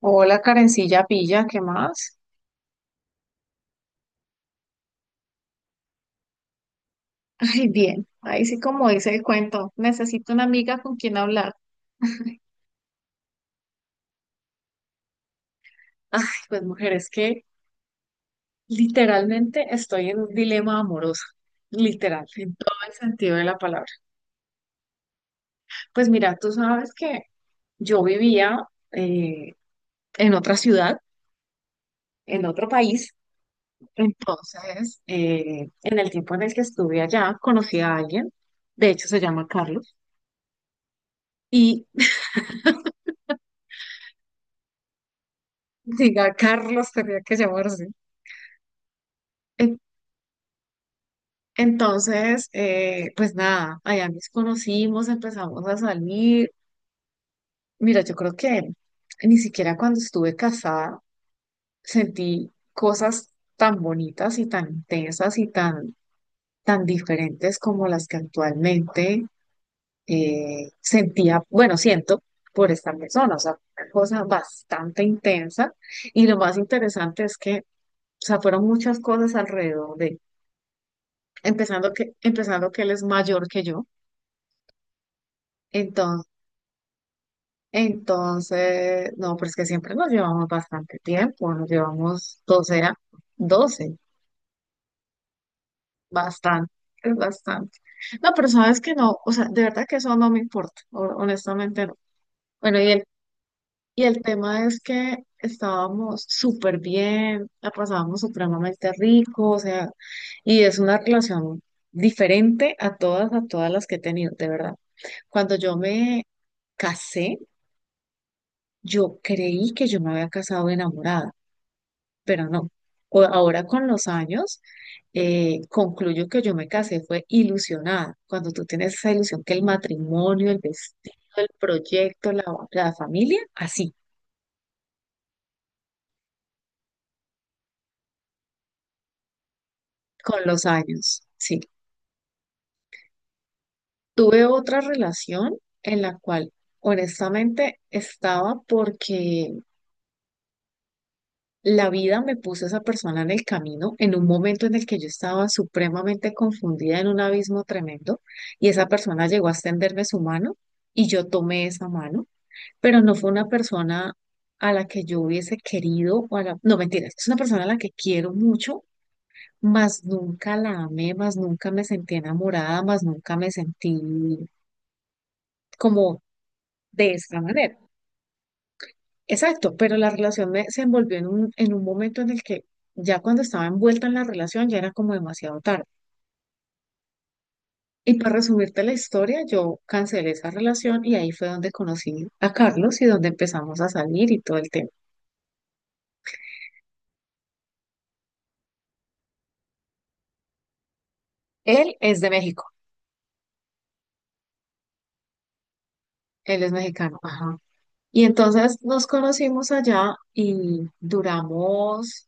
Hola, Karencilla Pilla, ¿qué más? Ay, bien, ahí sí como dice el cuento, necesito una amiga con quien hablar. Ay, pues mujer, es que literalmente estoy en un dilema amoroso, literal, en todo el sentido de la palabra. Pues mira, tú sabes que yo vivía eh, en otra ciudad, en otro país, entonces en el tiempo en el que estuve allá conocí a alguien, de hecho se llama Carlos, y diga Carlos tenía que llamarse. Entonces, pues nada, allá nos conocimos, empezamos a salir. Mira, yo creo que ni siquiera cuando estuve casada sentí cosas tan bonitas y tan intensas y tan diferentes como las que actualmente sentía, bueno, siento por esta persona, o sea, una cosa bastante intensa. Y lo más interesante es que, o sea, fueron muchas cosas alrededor de, empezando que él es mayor que yo. Entonces, no, pues que siempre nos llevamos bastante tiempo, nos llevamos 12 a- 12 bastante, es bastante. No, pero sabes que no, o sea, de verdad que eso no me importa, ho- honestamente no. Bueno, y el tema es que estábamos súper bien, la pasábamos supremamente rico, o sea, y es una relación diferente a todas las que he tenido, de verdad. Cuando yo me casé, yo creí que yo me había casado enamorada, pero no. O- ahora con los años, concluyo que yo me casé fue ilusionada. Cuando tú tienes esa ilusión que el matrimonio, el vestido, el proyecto, la familia, así, con los años, sí. Tuve otra relación en la cual honestamente estaba porque la vida me puso a esa persona en el camino en un momento en el que yo estaba supremamente confundida en un abismo tremendo y esa persona llegó a extenderme su mano y yo tomé esa mano, pero no fue una persona a la que yo hubiese querido, o a la, no, mentira, es una persona a la que quiero mucho, mas nunca la amé, más nunca me sentí enamorada, más nunca me sentí como de esta manera. Exacto, pero la relación me- se envolvió en un momento en el que ya cuando estaba envuelta en la relación ya era como demasiado tarde. Y para resumirte la historia, yo cancelé esa relación y ahí fue donde conocí a Carlos y donde empezamos a salir y todo el tema. Él es de México, él es mexicano, ajá. Y entonces nos conocimos allá y duramos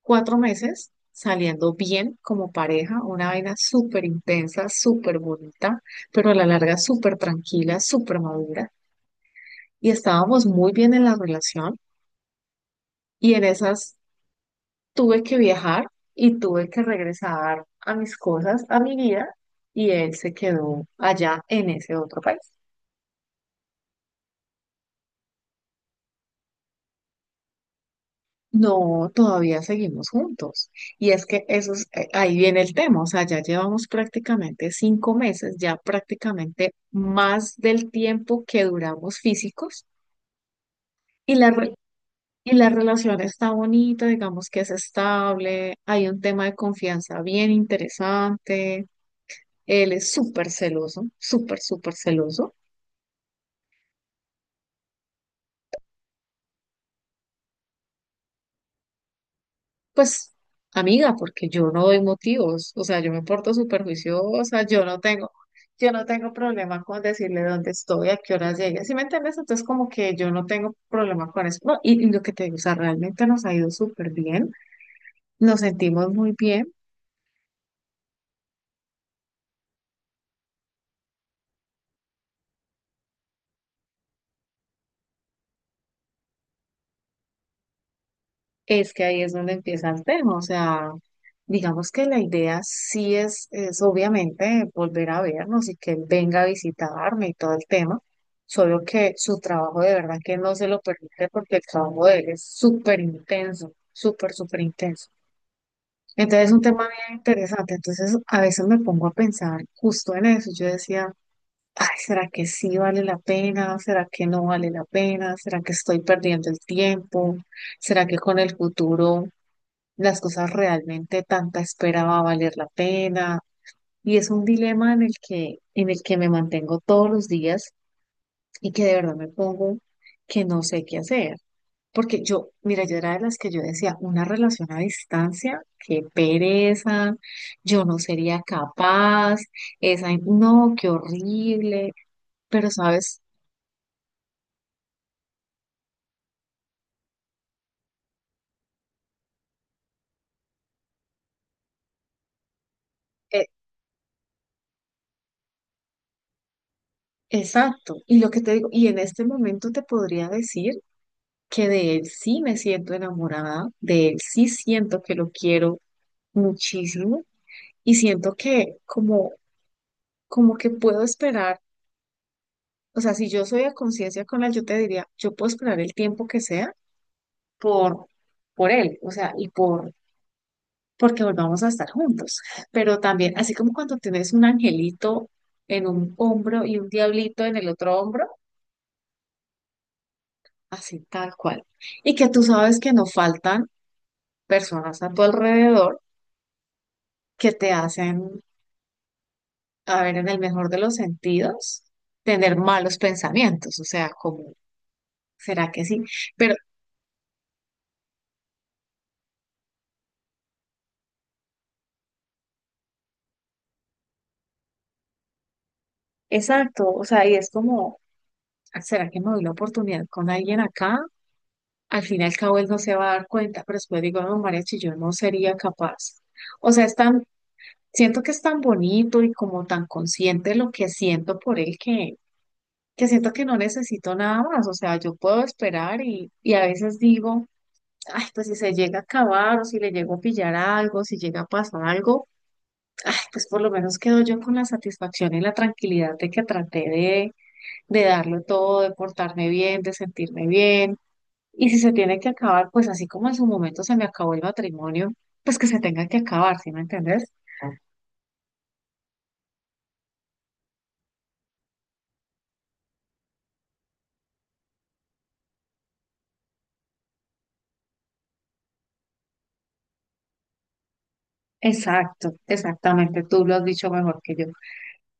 4 meses saliendo bien como pareja, una vaina súper intensa, súper bonita, pero a la larga súper tranquila, súper madura. Y estábamos muy bien en la relación y en esas tuve que viajar y tuve que regresar a mis cosas, a mi vida, y él se quedó allá en ese otro país. No, todavía seguimos juntos. Y es que eso es, ahí viene el tema, o sea, ya llevamos prácticamente 5 meses, ya prácticamente más del tiempo que duramos físicos y la, re- y la relación está bonita, digamos que es estable, hay un tema de confianza bien interesante, él es súper celoso, súper celoso. Pues, amiga, porque yo no doy motivos, o sea, yo me porto súper juiciosa, yo no tengo problema con decirle dónde estoy, a qué hora llegué, ¿sí me entiendes? Entonces, como que yo no tengo problema con eso, no, y lo que te digo, o sea, realmente nos ha ido súper bien, nos sentimos muy bien. Es que ahí es donde empieza el tema, o sea, digamos que la idea sí es obviamente volver a vernos y que él venga a visitarme y todo el tema, solo que su trabajo de verdad que no se lo permite porque el trabajo de él es súper intenso, súper intenso. Entonces es un tema bien interesante, entonces a veces me pongo a pensar justo en eso, yo decía, ay, ¿será que sí vale la pena? ¿Será que no vale la pena? ¿Será que estoy perdiendo el tiempo? ¿Será que con el futuro las cosas realmente tanta espera va a valer la pena? Y es un dilema en el que me mantengo todos los días y que de verdad me pongo que no sé qué hacer. Porque yo, mira, yo era de las que yo decía, una relación a distancia, qué pereza, yo no sería capaz, esa, no, qué horrible, pero sabes, Eh, exacto, y lo que te digo, y en este momento te podría decir que de él sí me siento enamorada, de él sí siento que lo quiero muchísimo y siento que como, como que puedo esperar, o sea, si yo soy a conciencia con él, yo te diría, yo puedo esperar el tiempo que sea por, por él, o sea, y por, porque volvamos a estar juntos. Pero también, así como cuando tienes un angelito en un hombro y un diablito en el otro hombro, así tal cual. Y que tú sabes que no faltan personas a tu alrededor que te hacen a ver, en el mejor de los sentidos, tener malos pensamientos, o sea, como, ¿será que sí? Pero exacto, o sea, y es como, "Ah, ¿será que me doy la oportunidad con alguien acá? Al fin y al cabo él no se va a dar cuenta", pero después digo, no, Mariachi, yo no sería capaz. O sea, es tan, siento que es tan bonito y como tan consciente lo que siento por él que siento que no necesito nada más, o sea, yo puedo esperar y a veces digo, ay, pues si se llega a acabar o si le llego a pillar algo, si llega a pasar algo, ay, pues por lo menos quedo yo con la satisfacción y la tranquilidad de que traté de darlo todo, de portarme bien, de sentirme bien. Y si se tiene que acabar, pues así como en su momento se me acabó el matrimonio, pues que se tenga que acabar, ¿sí me entendés? Exacto, exactamente, tú lo has dicho mejor que yo.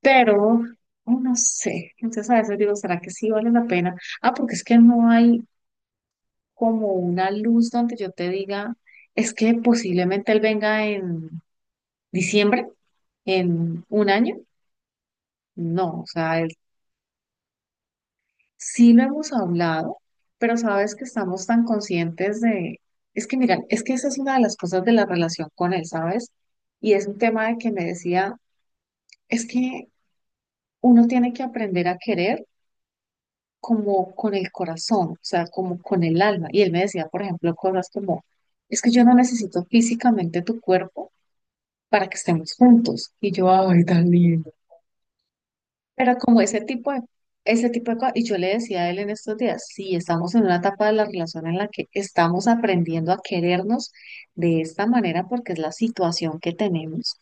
Pero, oh, no sé, entonces a veces digo, ¿será que sí vale la pena? Ah, porque es que no hay como una luz donde yo te diga, es que posiblemente él venga en diciembre, en un año. No, o sea, es- sí lo hemos hablado, pero sabes que estamos tan conscientes de, es que mira, es que esa es una de las cosas de la relación con él, ¿sabes? Y es un tema de que me decía, es que uno tiene que aprender a querer como con el corazón, o sea, como con el alma. Y él me decía, por ejemplo, cosas como, es que yo no necesito físicamente tu cuerpo para que estemos juntos. Y yo, ay, tan lindo. Pero como ese tipo de cosas, y yo le decía a él en estos días, sí, estamos en una etapa de la relación en la que estamos aprendiendo a querernos de esta manera porque es la situación que tenemos,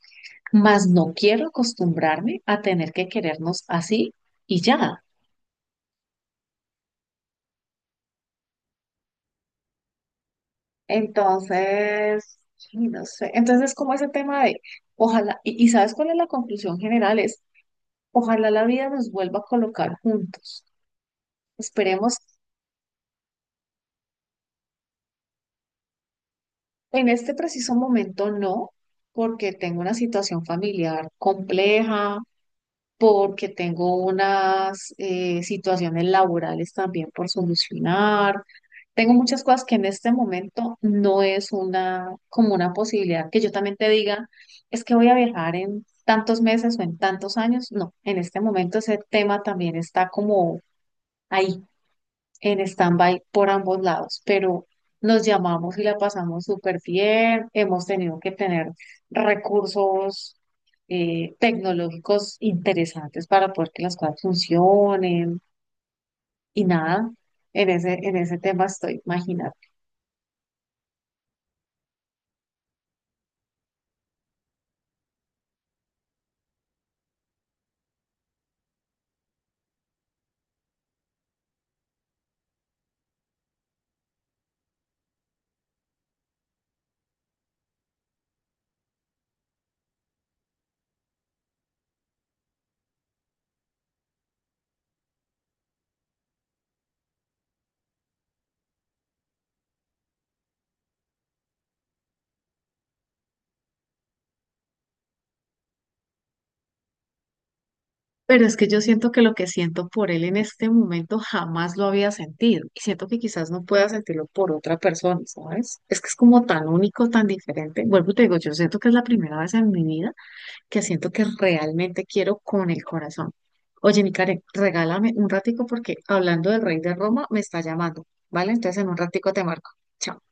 mas no quiero acostumbrarme a tener que querernos así y ya. Entonces, sí, no sé, entonces es como ese tema de, ojalá, y ¿sabes cuál es la conclusión general? Es, ojalá la vida nos vuelva a colocar juntos. Esperemos. En este preciso momento no, porque tengo una situación familiar compleja, porque tengo unas situaciones laborales también por solucionar. Tengo muchas cosas que en este momento no es una como una posibilidad que yo también te diga, es que voy a viajar en tantos meses o en tantos años. No, en este momento ese tema también está como ahí en stand-by por ambos lados, pero nos llamamos y la pasamos súper bien. Hemos tenido que tener recursos tecnológicos interesantes para poder que las cosas funcionen y nada, en ese tema estoy, imagínate. Pero es que yo siento que lo que siento por él en este momento jamás lo había sentido y siento que quizás no pueda sentirlo por otra persona, ¿sabes? Es que es como tan único, tan diferente. Vuelvo y te digo, yo siento que es la primera vez en mi vida que siento que realmente quiero con el corazón. Oye, mi Karen, regálame un ratico porque hablando del rey de Roma me está llamando, ¿vale? Entonces en un ratico te marco. Chao.